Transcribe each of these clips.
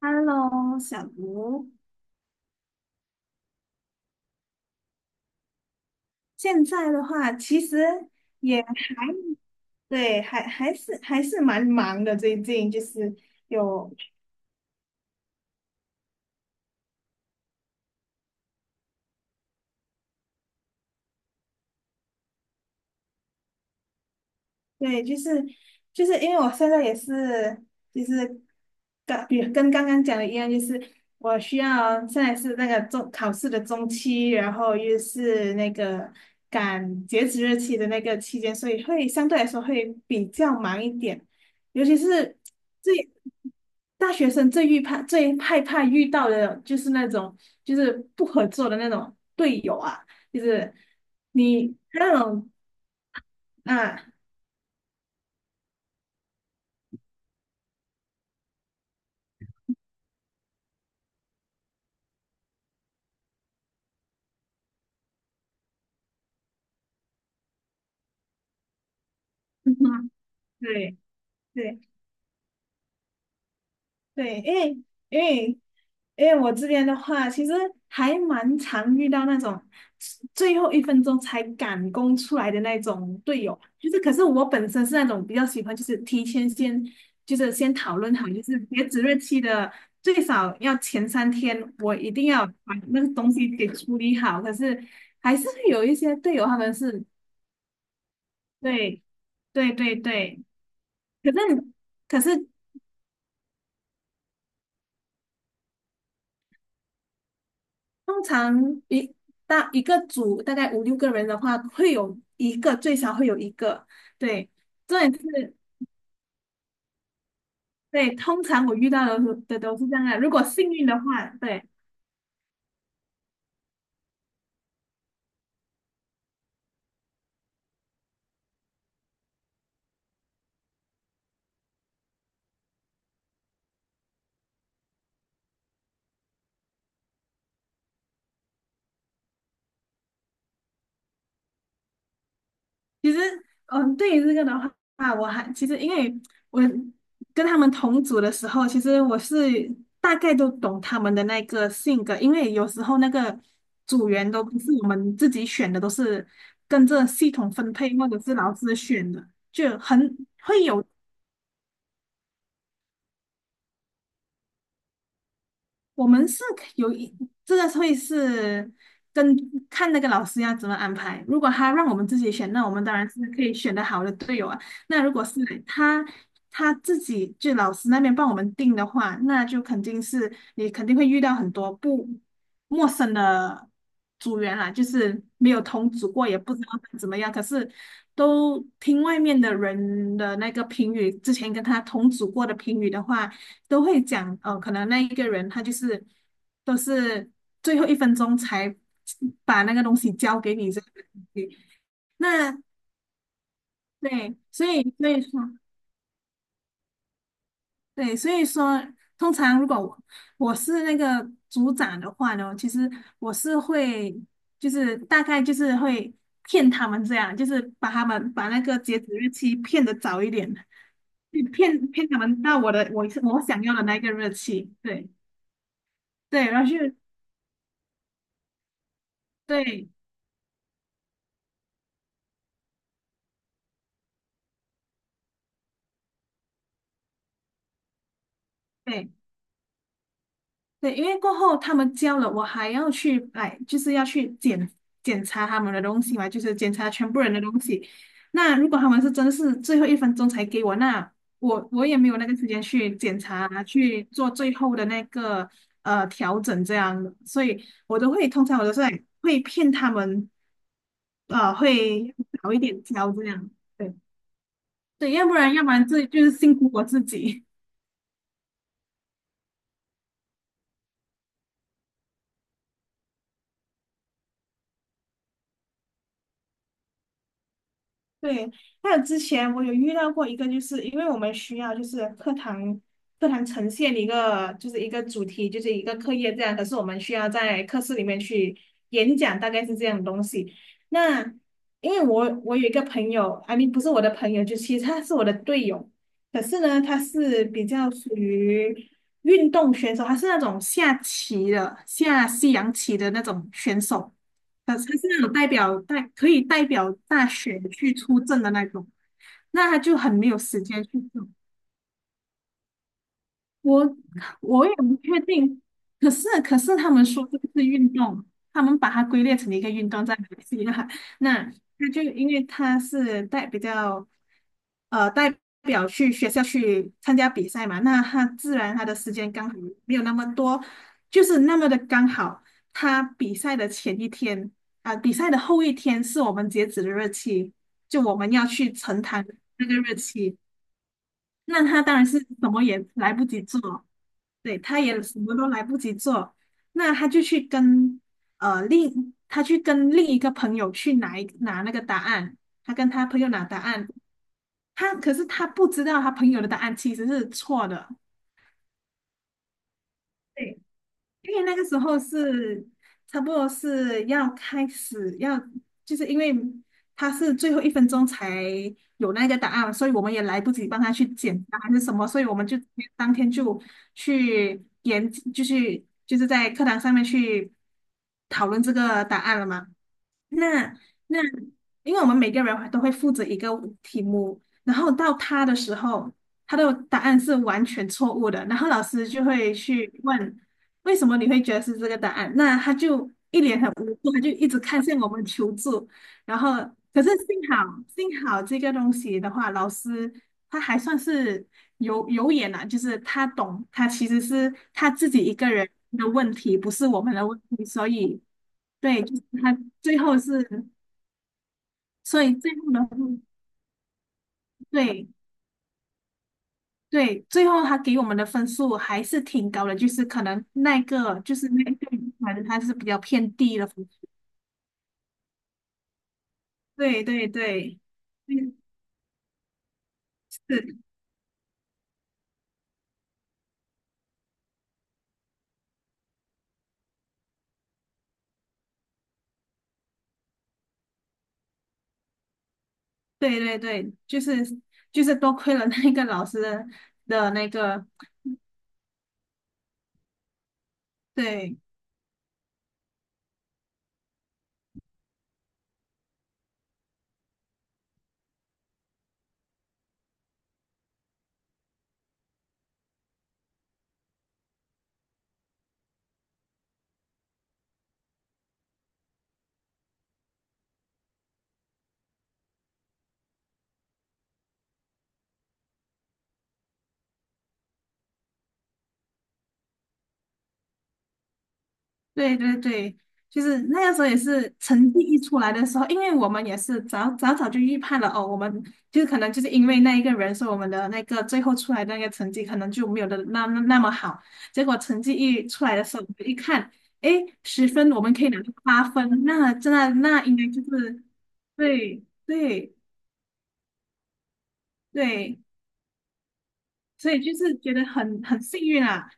Hello，小吴，现在的话其实也还对，还是蛮忙的。最近就是有对。就是因为我现在也是，就是刚比跟刚刚讲的一样，就是我需要现在是那个中考试的中期，然后又是那个赶截止日期的那个期间，所以会相对来说会比较忙一点，尤其是最大学生最害怕遇到的就是那种就是不合作的那种队友啊，就是你那种啊。对。对对。因为因为我这边的话，其实还蛮常遇到那种最后一分钟才赶工出来的那种队友，就是可是我本身是那种比较喜欢，就是提前先就是先讨论好，就是截止日期的最少要前3天，我一定要把那个东西给处理好。可是还是会有一些队友他们是对对对对。可是可是通常一一个组大概五六个人的话，会有一个最少会有一个。对。重点是，对，通常我遇到的都是这样的。如果幸运的话，对。其实，对于这个的话，我还其实因为我跟他们同组的时候，其实我是大概都懂他们的那个性格，因为有时候那个组员都不是我们自己选的，都是跟着系统分配或者是老师选的。我们是可有一这个会是跟看那个老师要怎么安排。如果他让我们自己选，那我们当然是可以选的好的队友啊。那如果是他他自己就老师那边帮我们定的话，那就肯定是你肯定会遇到很多不陌生的组员啦，就是没有同组过，也不知道他怎么样。可是都听外面的人的那个评语，之前跟他同组过的评语的话。都会讲，哦，可能那一个人他就是都是最后一分钟才把那个东西交给你这个东西。那对。所以说，对，所以说，通常如果我是那个组长的话呢，其实我是会就是大概就是会骗他们这样，就是把他们把那个截止日期骗得早一点，就骗他们到我想要的那个日期。对对。然后就对。对对。因为过后他们交了，我还要去哎，就是要去检查他们的东西嘛，就是检查全部人的东西。那如果他们是最后一分钟才给我，那我也没有那个时间去检查，去做最后的那个调整这样的，所以我都会通常我都是哎会骗他们，会早一点交这样。对对。要不然这就是辛苦我自己。对，还有之前我有遇到过一个，就是因为我们需要就是课堂呈现一个就是一个主题，就是一个课业这样，可是我们需要在课室里面去演讲，大概是这样的东西。那因为我有一个朋友，不是我的朋友，就其实他是我的队友，可是呢，他是比较属于运动选手，他是那种下棋的，下西洋棋的那种选手。他是那种代表可以代表大选去出征的那种，那他就很没有时间去做。我我也不确定，可是他们说这个是运动，他们把它归类成一个运动在马来西亚。那他就因为他是代比较代表去学校去参加比赛嘛，那他自然他的时间刚好没有那么多，就是那么的刚好，他比赛的前一天啊、比赛的后一天是我们截止的日期，就我们要去呈堂的那个日期。那他当然是什么也来不及做，对，他也什么都来不及做，那他就去跟他去跟另一个朋友去拿一拿那个答案，他跟他朋友拿答案，可是他不知道他朋友的答案其实是错的，对。因为那个时候是差不多是要开始要，就是因为他是最后一分钟才有那个答案，所以我们也来不及帮他去简答还是什么，所以我们就当天就就是在课堂上面去讨论这个答案了嘛。那那，因为我们每个人都会负责一个题目，然后到他的时候，他的答案是完全错误的，然后老师就会去问为什么你会觉得是这个答案，那他就一脸很无辜，他就一直看向我们求助，然后可是幸好这个东西的话，老师他还算是有眼啊，就是他懂，他其实是他自己一个人的问题，不是我们的问题，所以。对，就是他最后是，所以最后的对对。最后他给我们的分数还是挺高的，就是可能那个就是那个反正他是比较偏低的分数对对对。嗯是，对对对。就是多亏了那个老师的那个。对。对对对，就是那个时候也是成绩一出来的时候，因为我们也是早早就预判了哦，我们就是可能就是因为那一个人，所以我们的那个最后出来的那个成绩可能就没有那么好。结果成绩一出来的时候，我们一看，诶，10分我们可以拿到8分，那真的应该就是对对对。所以就是觉得很幸运啊。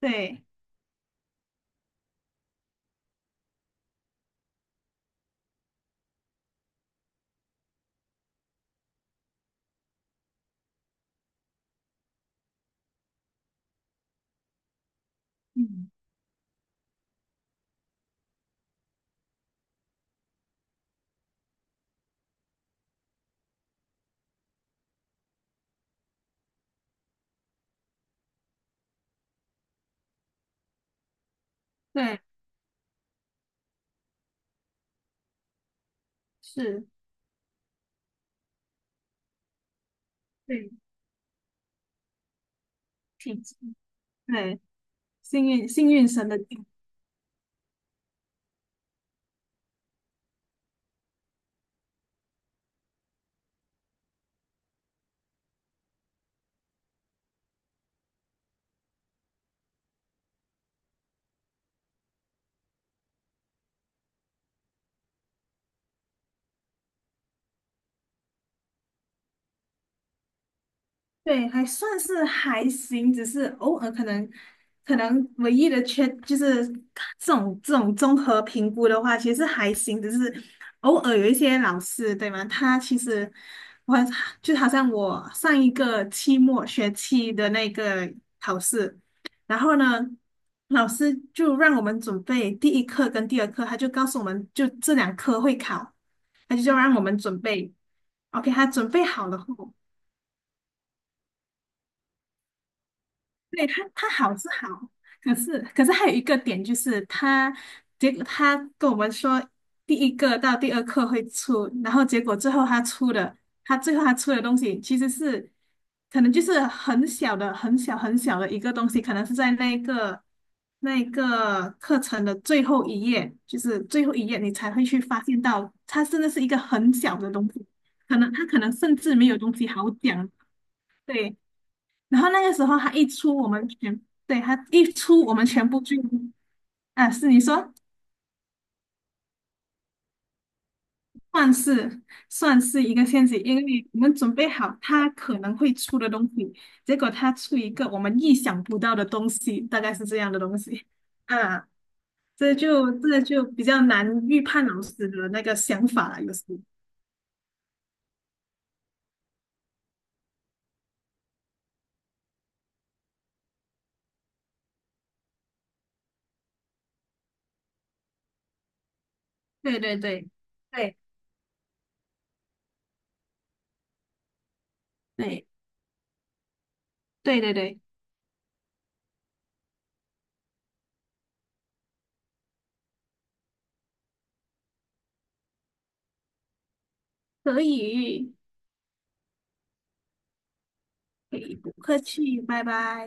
对。嗯。对。是。对。挺对。幸运神的。对，还算是还行，只是偶尔可能，唯一的缺就是这种综合评估的话，其实还行，只是偶尔有一些老师，对吗？他其实我就好像我上一个期末学期的那个考试，然后呢，老师就让我们准备第一课跟第二课，他就告诉我们就这2科会考，他就让我们准备。OK，他准备好了后。对。他好是好，可是还有一个点就是他，结果他跟我们说第一个到第二课会出，然后结果最后他出的，他最后出的东西其实是可能就是很小的、很小、很小的一个东西，可能是在那个课程的最后一页，就是最后一页你才会去发现到，它真的是一个很小的东西，可能甚至没有东西好讲。对。然后那个时候他一出，我们全，对，他一出，我们全部就，啊，是你说，算是算是一个陷阱，因为你们准备好他可能会出的东西，结果他出一个我们意想不到的东西，大概是这样的东西。啊，这就比较难预判老师的那个想法了，有时候。对对对对对对对对。可以。可以。不客气。拜拜。